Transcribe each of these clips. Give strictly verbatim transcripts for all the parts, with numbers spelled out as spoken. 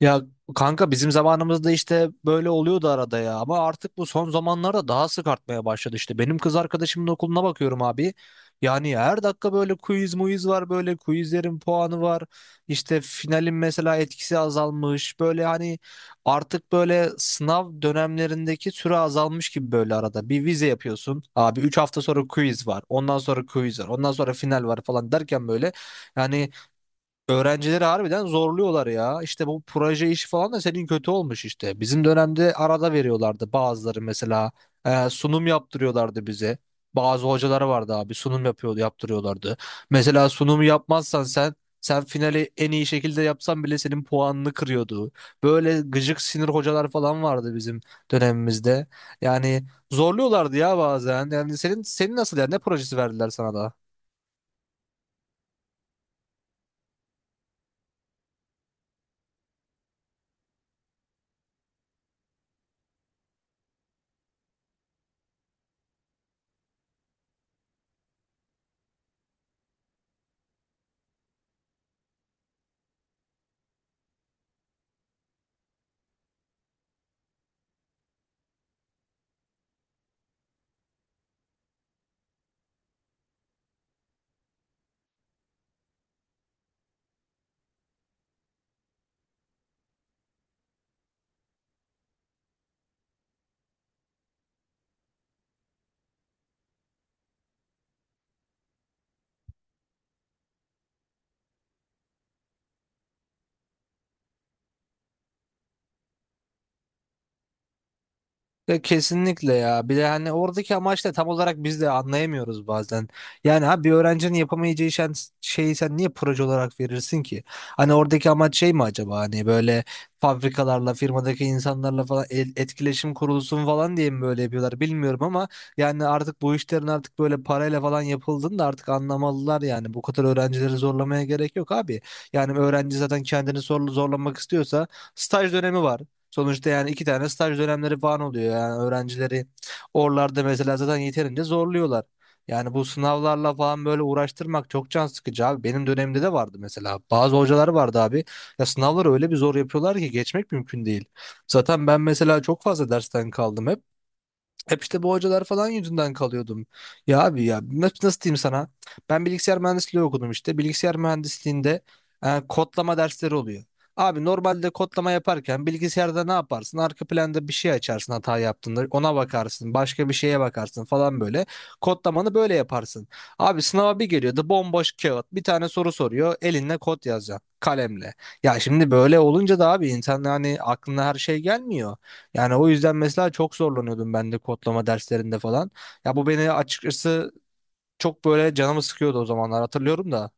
Ya kanka bizim zamanımızda işte böyle oluyordu arada ya, ama artık bu son zamanlarda daha sık artmaya başladı işte. Benim kız arkadaşımın okuluna bakıyorum abi. Yani her dakika böyle quiz muiz var, böyle quizlerin puanı var. İşte finalin mesela etkisi azalmış. Böyle hani artık böyle sınav dönemlerindeki süre azalmış gibi böyle arada. Bir vize yapıyorsun abi, üç hafta sonra quiz var. Ondan sonra quiz var. Ondan sonra final var falan derken böyle yani öğrencileri harbiden zorluyorlar ya. İşte bu proje işi falan da senin kötü olmuş işte. Bizim dönemde arada veriyorlardı bazıları mesela. Ee, sunum yaptırıyorlardı bize. Bazı hocaları vardı abi, sunum yapıyordu, yaptırıyorlardı. Mesela sunumu yapmazsan sen sen finali en iyi şekilde yapsan bile senin puanını kırıyordu. Böyle gıcık sinir hocalar falan vardı bizim dönemimizde. Yani zorluyorlardı ya bazen. Yani senin senin nasıl yani, ne projesi verdiler sana da? Ya kesinlikle ya. Bir de hani oradaki amaç da tam olarak biz de anlayamıyoruz bazen. Yani ha, bir öğrencinin yapamayacağı işen- şeyi sen niye proje olarak verirsin ki? Hani oradaki amaç şey mi acaba? Hani böyle fabrikalarla, firmadaki insanlarla falan el- etkileşim kurulsun falan diye mi böyle yapıyorlar bilmiyorum, ama yani artık bu işlerin artık böyle parayla falan yapıldığını da artık anlamalılar yani. Bu kadar öğrencileri zorlamaya gerek yok abi. Yani öğrenci zaten kendini zorlu zorlamak istiyorsa staj dönemi var. Sonuçta yani iki tane staj dönemleri falan oluyor, yani öğrencileri oralarda mesela zaten yeterince zorluyorlar. Yani bu sınavlarla falan böyle uğraştırmak çok can sıkıcı abi. Benim dönemimde de vardı mesela. Bazı hocalar vardı abi. Ya sınavları öyle bir zor yapıyorlar ki geçmek mümkün değil. Zaten ben mesela çok fazla dersten kaldım hep. Hep işte bu hocalar falan yüzünden kalıyordum. Ya abi ya, nasıl, nasıl diyeyim sana? Ben bilgisayar mühendisliği okudum işte. Bilgisayar mühendisliğinde e, kodlama dersleri oluyor. Abi normalde kodlama yaparken bilgisayarda ne yaparsın? Arka planda bir şey açarsın hata yaptığında. Ona bakarsın. Başka bir şeye bakarsın falan böyle. Kodlamanı böyle yaparsın. Abi sınava bir geliyordu bomboş kağıt. Bir tane soru soruyor. Elinle kod yazacaksın. Kalemle. Ya şimdi böyle olunca da abi, insan hani aklına her şey gelmiyor. Yani o yüzden mesela çok zorlanıyordum ben de kodlama derslerinde falan. Ya bu beni açıkçası çok böyle canımı sıkıyordu o zamanlar, hatırlıyorum da.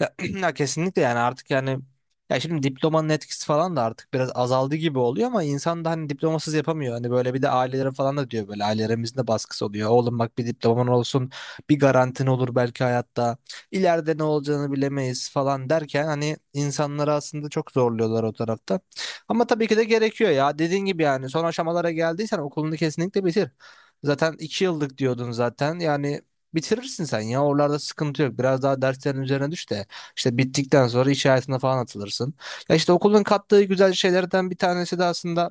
Ya, ya kesinlikle yani artık yani, ya şimdi diplomanın etkisi falan da artık biraz azaldı gibi oluyor, ama insan da hani diplomasız yapamıyor. Hani böyle bir de ailelere falan da diyor, böyle ailelerimizin de baskısı oluyor. Oğlum bak, bir diploman olsun, bir garantin olur belki hayatta, ileride ne olacağını bilemeyiz falan derken hani insanları aslında çok zorluyorlar o tarafta. Ama tabii ki de gerekiyor ya, dediğin gibi yani son aşamalara geldiysen okulunu kesinlikle bitir. Zaten iki yıllık diyordun zaten, yani bitirirsin sen ya, oralarda sıkıntı yok, biraz daha derslerin üzerine düş de. İşte bittikten sonra iş hayatına falan atılırsın. Ya işte okulun kattığı güzel şeylerden bir tanesi de aslında,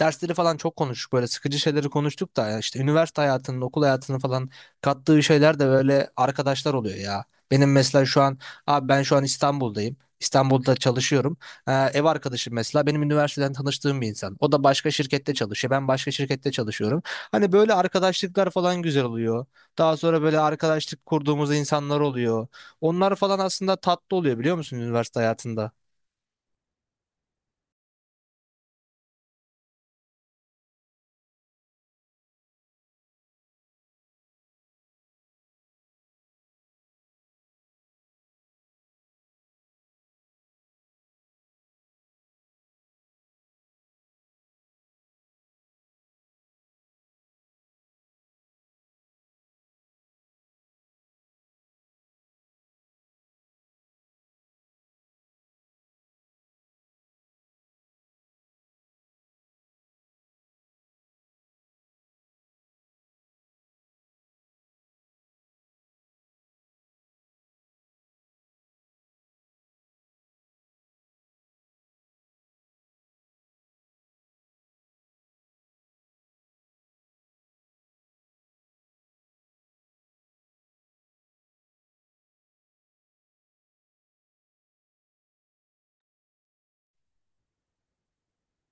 dersleri falan çok konuştuk, böyle sıkıcı şeyleri konuştuk da, ya işte üniversite hayatının, okul hayatının falan kattığı şeyler de böyle arkadaşlar oluyor ya. Benim mesela şu an abi, ben şu an İstanbul'dayım. İstanbul'da çalışıyorum. Ee, ev arkadaşım mesela benim üniversiteden tanıştığım bir insan. O da başka şirkette çalışıyor. Ben başka şirkette çalışıyorum. Hani böyle arkadaşlıklar falan güzel oluyor. Daha sonra böyle arkadaşlık kurduğumuz insanlar oluyor. Onlar falan aslında tatlı oluyor, biliyor musun, üniversite hayatında?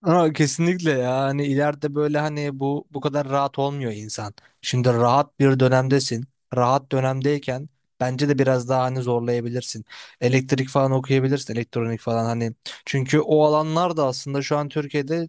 Ama kesinlikle ya, hani ileride böyle hani bu bu kadar rahat olmuyor insan. Şimdi rahat bir dönemdesin. Rahat dönemdeyken bence de biraz daha hani zorlayabilirsin. Elektrik falan okuyabilirsin, elektronik falan hani. Çünkü o alanlar da aslında şu an Türkiye'de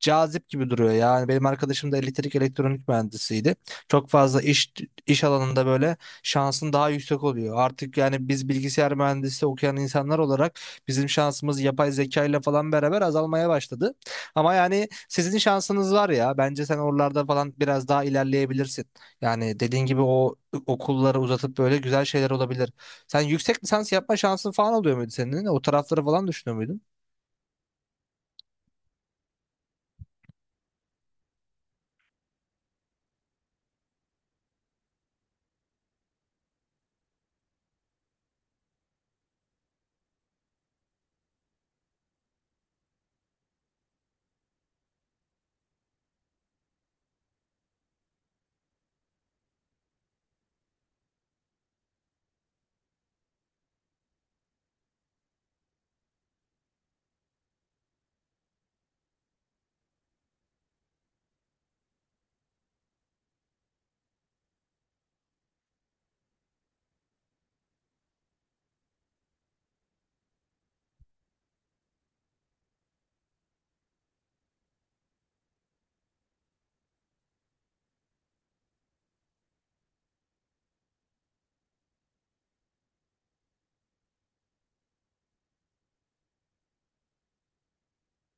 cazip gibi duruyor. Yani benim arkadaşım da elektrik elektronik mühendisiydi. Çok fazla iş iş alanında böyle şansın daha yüksek oluyor. Artık yani biz bilgisayar mühendisi okuyan insanlar olarak bizim şansımız yapay zeka ile falan beraber azalmaya başladı. Ama yani sizin şansınız var ya. Bence sen oralarda falan biraz daha ilerleyebilirsin. Yani dediğin gibi o okulları uzatıp böyle güzel şeyler olabilir. Sen yüksek lisans yapma şansın falan oluyor muydu senin? O tarafları falan düşünüyor muydun?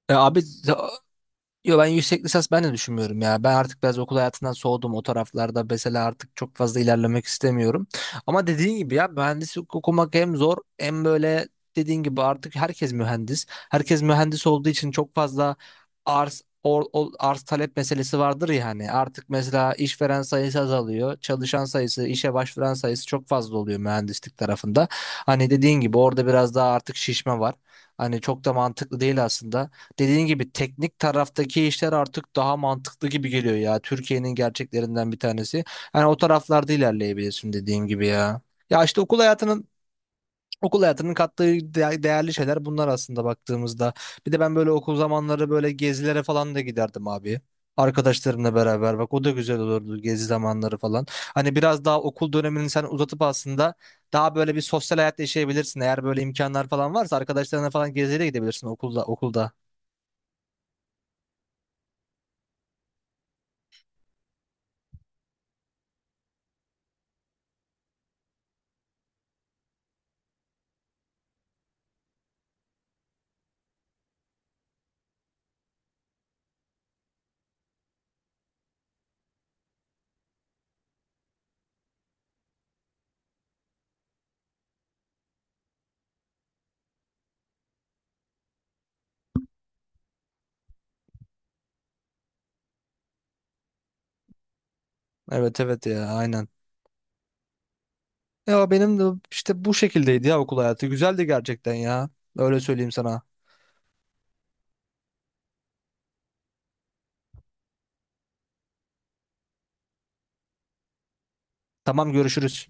E abi, yo ben yüksek lisans ben de düşünmüyorum ya. Ben artık biraz okul hayatından soğudum o taraflarda. Mesela artık çok fazla ilerlemek istemiyorum. Ama dediğin gibi ya, mühendislik okumak hem zor hem böyle, dediğin gibi artık herkes mühendis. Herkes mühendis olduğu için çok fazla arz or- ol- arz talep meselesi vardır ya hani. Artık mesela işveren sayısı azalıyor. Çalışan sayısı, işe başvuran sayısı çok fazla oluyor mühendislik tarafında. Hani dediğin gibi orada biraz daha artık şişme var. Hani çok da mantıklı değil aslında, dediğin gibi teknik taraftaki işler artık daha mantıklı gibi geliyor ya. Türkiye'nin gerçeklerinden bir tanesi. Yani o taraflarda ilerleyebilirsin dediğin gibi ya. Ya işte okul hayatının okul hayatının kattığı de- değerli şeyler bunlar aslında baktığımızda. Bir de ben böyle okul zamanları böyle gezilere falan da giderdim abi. Arkadaşlarımla beraber bak, o da güzel olurdu, gezi zamanları falan. Hani biraz daha okul dönemini sen uzatıp aslında daha böyle bir sosyal hayat yaşayabilirsin. Eğer böyle imkanlar falan varsa arkadaşlarına falan geziye de gidebilirsin okulda okulda. Evet evet ya, aynen. Ya benim de işte bu şekildeydi ya okul hayatı. Güzeldi gerçekten ya. Öyle söyleyeyim sana. Tamam, görüşürüz.